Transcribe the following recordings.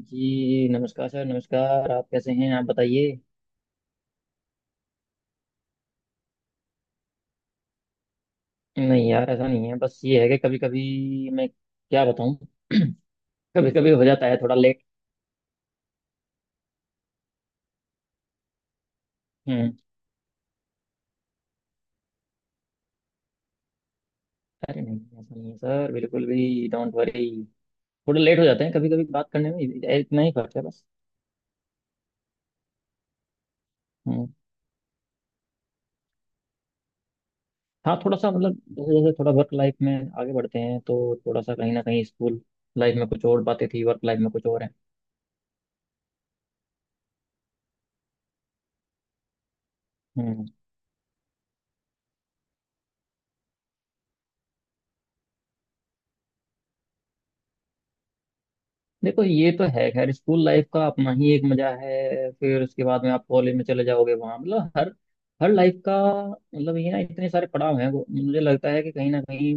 जी नमस्कार सर। नमस्कार। आप कैसे हैं? आप बताइए। नहीं यार, ऐसा नहीं है। बस ये है कि कभी कभी मैं क्या बताऊं। कभी कभी हो जाता है थोड़ा लेट। हम्म। अरे नहीं, ऐसा नहीं है सर, बिल्कुल भी। Don't worry. थोड़ा लेट हो जाते हैं कभी कभी बात करने में इतना ही फर्क है बस। हम्म। हाँ, थोड़ा सा मतलब जैसे जैसे थोड़ा वर्क लाइफ में आगे बढ़ते हैं, तो थोड़ा सा कहीं ना कहीं स्कूल लाइफ में कुछ और बातें थी, वर्क लाइफ में कुछ और है। देखो, ये तो है। खैर, स्कूल लाइफ का अपना ही एक मजा है। फिर उसके बाद में आप कॉलेज में चले जाओगे। वहां मतलब हर हर लाइफ का मतलब ये ना, इतने सारे पड़ाव हैं, वो मुझे लगता है कि कहीं ना कहीं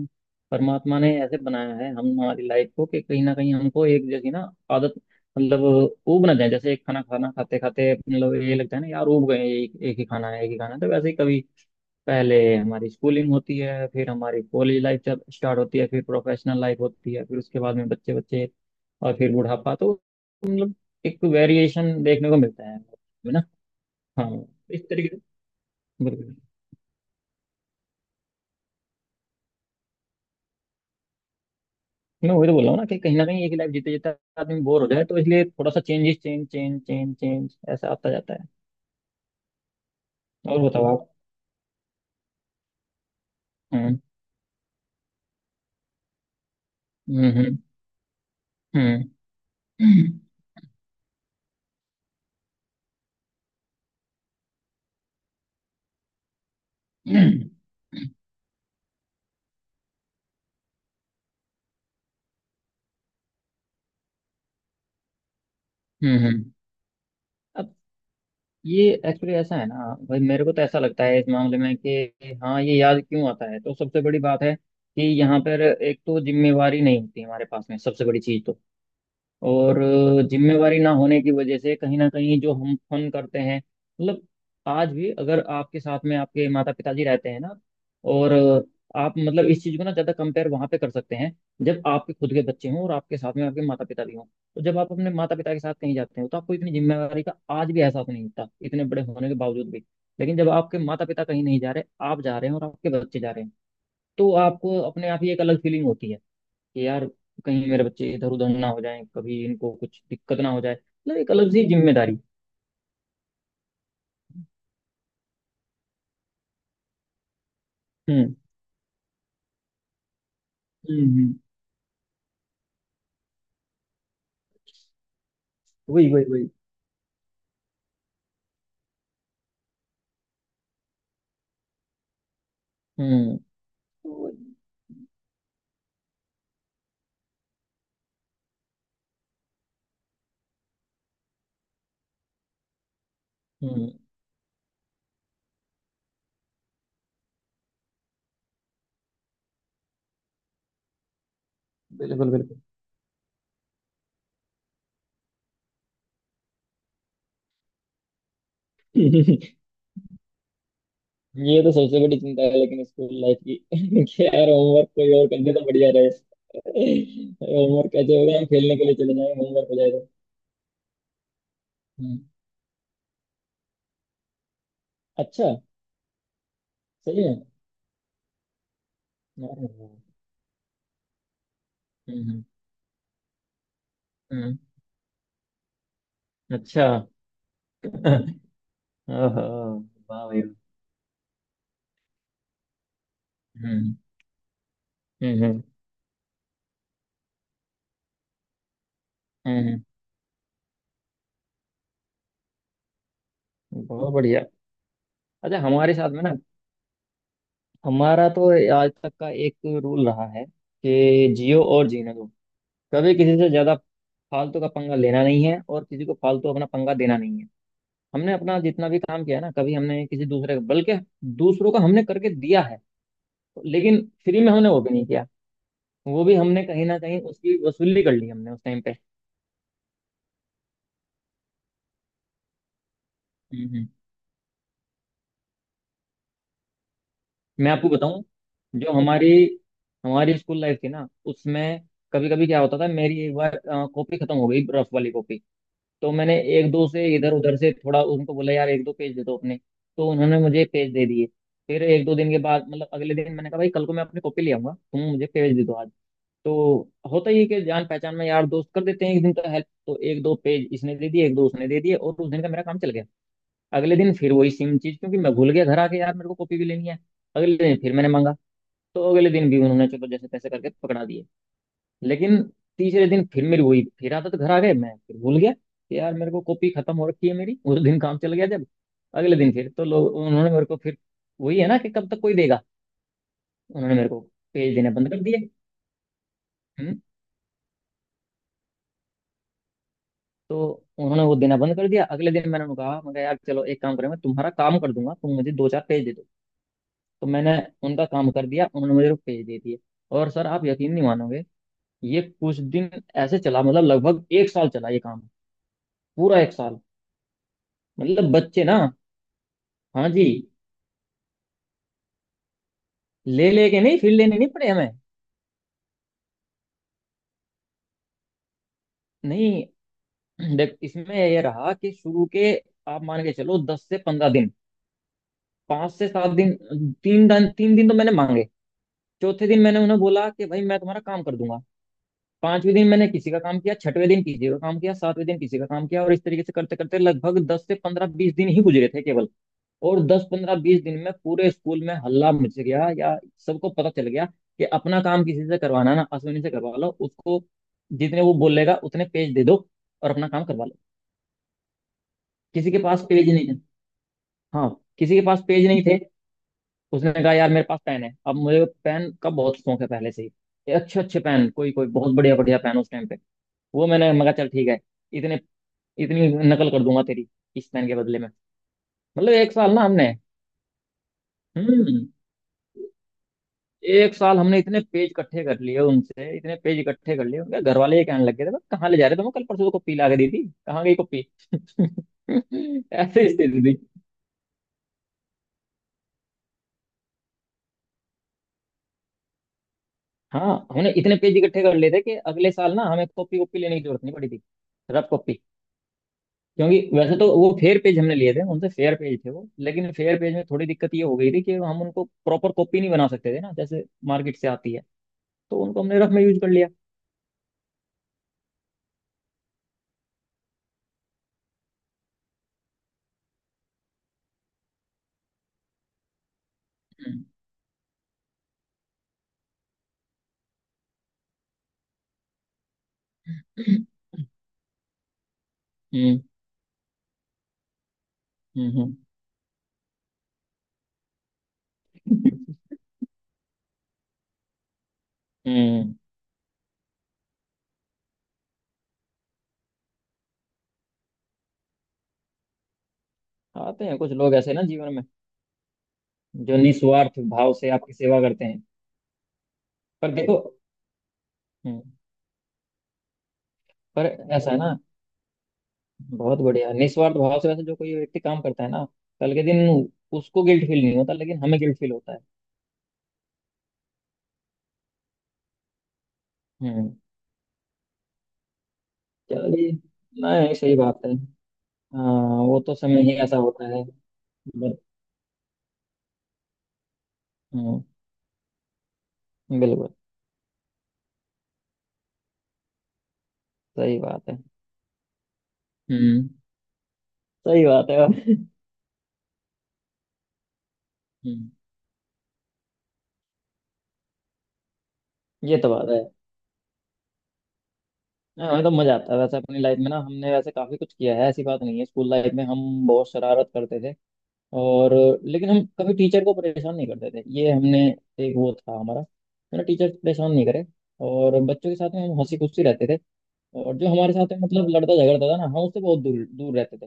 परमात्मा ने ऐसे बनाया है हम हमारी लाइफ को कि कहीं ना कहीं हमको एक जैसी ना आदत, मतलब ऊब ना जाए। जैसे एक खाना खाना खाते खाते मतलब ये लगता है ना यार, ऊब गए। एक एक ही खाना है, एक ही खाना है। तो वैसे ही कभी पहले हमारी स्कूलिंग होती है, फिर हमारी कॉलेज लाइफ जब स्टार्ट होती है, फिर प्रोफेशनल लाइफ होती है, फिर उसके बाद में बच्चे बच्चे, और फिर बुढ़ापा। तो मतलब एक वेरिएशन देखने को मिलता है ना। हाँ, इस तरीके से। बिल्कुल। मैं वही तो बोल रहा हूँ ना कि कहीं ना कहीं एक ही लाइफ जीते जीते आदमी बोर हो जाए, तो इसलिए थोड़ा सा changes, change change change change ऐसा आता जाता है। और बताओ आप। हम्म। हम्म। हम्म। हम्म। हम्म। हम्म। हम्म, हम्म। अब ये एक्चुअली ऐसा है ना भाई, मेरे को तो ऐसा लगता है इस मामले में कि हाँ, ये याद क्यों आता है तो सबसे बड़ी बात है कि यहाँ पर एक तो जिम्मेवारी नहीं होती हमारे पास में सबसे बड़ी चीज तो। और जिम्मेवारी ना होने की वजह से कहीं ना कहीं जो हम फन करते हैं। मतलब आज भी अगर आपके साथ में आपके माता पिताजी रहते हैं ना, और आप मतलब इस चीज को ना ज्यादा कंपेयर वहां पे कर सकते हैं। जब आपके खुद के बच्चे हों और आपके साथ में आपके माता पिता भी हों, तो जब आप अपने माता पिता के साथ कहीं जाते हो, तो आपको इतनी जिम्मेवारी का आज भी एहसास नहीं होता इतने बड़े होने के बावजूद भी। लेकिन जब आपके माता पिता कहीं नहीं जा रहे, आप जा रहे हैं और आपके बच्चे जा रहे हैं, तो आपको अपने आप ही एक अलग फीलिंग होती है कि यार, कहीं मेरे बच्चे इधर उधर ना हो जाएं, कभी इनको कुछ दिक्कत ना हो जाए, मतलब एक अलग सी जिम्मेदारी। हम्म। हम्म। वही वही वही। हम्म। तो हम्म। बिल्कुल, बिल्कुल। ये तो सबसे बड़ी चिंता है लेकिन स्कूल लाइफ की। कि यार, होमवर्क कोई और कर दे तो बढ़िया रहे। होमवर्क कैसे होगा? हम खेलने के लिए चले जाएं, होमवर्क हो जाएगा। हम्म। अच्छा। सही है। हम्म। हम्म। हम्म, अच्छा। ओहो। वाह भाई। हम्म। हम्म। हम्म। हम्म। बहुत बढ़िया। अच्छा, हमारे साथ में ना, हमारा तो आज तक का एक रूल रहा है कि जियो और जीने दो। कभी किसी से ज्यादा फालतू का पंगा लेना नहीं है और किसी को फालतू अपना पंगा देना नहीं है। हमने अपना जितना भी काम किया है ना, कभी हमने किसी दूसरे का, बल्कि दूसरों का हमने करके दिया है। लेकिन फ्री में हमने वो भी नहीं किया, वो भी हमने कहीं ना कहीं उसकी वसूली कर ली हमने उस टाइम पे। मैं आपको बताऊं, जो हमारी हमारी स्कूल लाइफ थी ना, उसमें कभी कभी क्या होता था, मेरी एक बार कॉपी खत्म हो गई, रफ वाली कॉपी। तो मैंने एक दो से इधर उधर से थोड़ा उनको बोला, यार एक दो पेज दे दो अपने। तो उन्होंने मुझे पेज दे दिए। फिर एक दो दिन के बाद मतलब अगले दिन मैंने कहा, भाई कल को मैं अपनी कॉपी ले आऊंगा, तुम मुझे पेज दे दो आज। तो होता ही है कि जान पहचान में यार दोस्त कर देते हैं एक दिन का हेल्प। तो एक दो पेज इसने दे दिए, एक दो उसने दे दिए, और उस दिन का मेरा काम चल गया। अगले दिन फिर वही सेम चीज, क्योंकि मैं भूल गया घर आके यार मेरे को कॉपी भी लेनी है। अगले दिन फिर मैंने मांगा। तो अगले दिन भी उन्होंने चलो जैसे तैसे करके पकड़ा दिए। लेकिन तीसरे दिन फिर मेरी वही फिर आदत, घर आ गए मैं फिर भूल गया कि यार मेरे को कॉपी खत्म हो रखी है मेरी, उस दिन काम चल गया जब। अगले दिन फिर तो लोग उन्होंने मेरे को फिर वही है ना कि कब तक कोई देगा, उन्होंने मेरे को पेज देना बंद कर दिए। हम्म। तो उन्होंने वो देना बंद कर दिया, अगले दिन मैंने उनको कहा यार चलो एक काम करें, मैं तुम्हारा काम कर दूंगा, तुम मुझे दो चार पेज दे दो। तो मैंने उनका काम कर दिया, उन्होंने मुझे पेज दे दिए। और सर आप यकीन नहीं मानोगे, ये कुछ दिन ऐसे चला, मतलब लगभग एक साल चला ये काम, पूरा एक साल मतलब बच्चे ना। हाँ जी, ले लेके नहीं, फिर लेने नहीं पड़े हमें। नहीं, देख इसमें ये रहा कि शुरू के आप मान के चलो 10 से 15 दिन, 5 से 7 दिन, 3 दिन 3 दिन तो मैंने मांगे, चौथे दिन मैंने उन्हें बोला कि भाई मैं तुम्हारा काम कर दूंगा। पांचवें दिन मैंने किसी का काम किया, छठवें दिन किसी का काम किया, सातवें दिन किसी का काम किया, और इस तरीके से करते करते लगभग 10 से 15 20 दिन ही गुजरे थे केवल। और 10 15 20 दिन में पूरे स्कूल में हल्ला मच गया या सबको पता चल गया कि अपना काम किसी से करवाना ना अश्विनी से करवा लो। उसको जितने वो बोलेगा उतने पेज दे दो और अपना काम करवा लो। किसी के पास पेज नहीं है। हाँ, किसी के पास पेज नहीं थे। उसने कहा यार मेरे पास पेन है। अब मुझे पेन का बहुत शौक है पहले से ही, अच्छे अच्छे पेन, कोई कोई बहुत बढ़िया बढ़िया पेन उस टाइम पे। वो मैंने मगा, चल ठीक है, इतने इतनी नकल कर दूंगा तेरी, इस पेन के बदले में। मतलब एक साल ना हमने। हम्म। एक साल हमने इतने पेज इकट्ठे कर लिए उनसे, इतने पेज इकट्ठे कर लिए, उनके घर वाले ये कहने लग गए थे, "बस, कहाँ ले जा रहे हो तुम? कल परसों तो कॉपी ला के दी थी, कहाँ गई कॉपी?" ऐसे स्थिति थी। हाँ, हमने इतने पेज इकट्ठे कर लिए थे कि अगले साल ना हमें कॉपी कॉपी लेने की जरूरत नहीं पड़ी थी, रफ कॉपी। क्योंकि वैसे तो वो फेयर पेज हमने लिए थे उनसे, फेयर पेज थे वो, लेकिन फेयर पेज में थोड़ी दिक्कत ये हो गई थी कि हम उनको प्रॉपर कॉपी नहीं बना सकते थे ना, जैसे मार्केट से आती है। तो उनको हमने रफ में यूज कर लिया। हम्म। हम्म। हम्म। हम्म। आते हैं कुछ लोग ऐसे ना जीवन में, जो निस्वार्थ भाव से आपकी सेवा करते हैं। पर देखो। हम्म, पर ऐसा है ना, बहुत बढ़िया निस्वार्थ भाव से वैसे जो कोई व्यक्ति काम करता है ना, कल के दिन उसको गिल्ट फील नहीं होता, लेकिन हमें गिल्ट फील होता है। हम्म। चलो ये। नहीं, सही बात है। हाँ, वो तो समय ही ऐसा होता है। बट- हम्म। बिल्कुल। सही बात है। हम्म। सही बात है। हम्म, ये तो बात है। हाँ हाँ, तो मजा आता है वैसे अपनी लाइफ में ना, हमने वैसे काफी कुछ किया है, ऐसी बात नहीं है। स्कूल लाइफ में हम बहुत शरारत करते थे। और लेकिन हम कभी टीचर को परेशान नहीं करते थे, ये हमने, एक वो था हमारा, मैंने टीचर परेशान नहीं करे। और बच्चों के साथ में हम हंसी खुशी रहते थे। और जो हमारे साथ में मतलब लड़ता झगड़ता था ना, हम उससे बहुत दूर दूर रहते थे।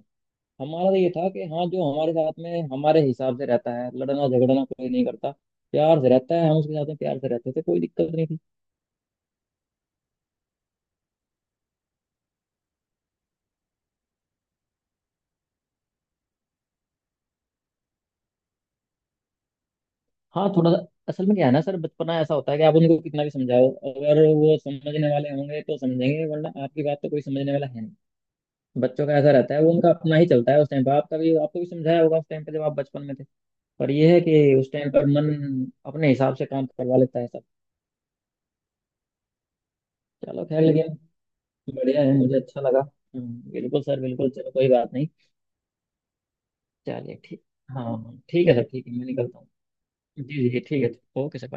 हमारा तो ये था कि हाँ, जो हमारे साथ में हमारे हिसाब से रहता है, लड़ना झगड़ना कोई नहीं करता, प्यार से रहता है, हम उसके साथ में प्यार से रहते थे, कोई दिक्कत नहीं थी। हाँ, थोड़ा सा असल में क्या है ना सर, बचपना ऐसा होता है कि आप उनको कितना भी समझाओ, अगर वो समझने वाले होंगे तो समझेंगे, वरना आपकी बात तो कोई समझने वाला है नहीं। बच्चों का ऐसा रहता है, वो उनका अपना ही चलता है उस टाइम पर, आपका भी आपको भी समझाया होगा उस टाइम पर जब आप बचपन में थे। पर ये है कि उस टाइम पर मन अपने हिसाब से काम करवा लेता है सब। चलो खैर, लेकिन बढ़िया है, मुझे अच्छा लगा। बिल्कुल सर बिल्कुल। चलो कोई बात नहीं। चलिए ठीक। हाँ हाँ, ठीक है सर ठीक है, मैं निकलता हूँ। जी जी जी, ठीक है ओके सर, बाय।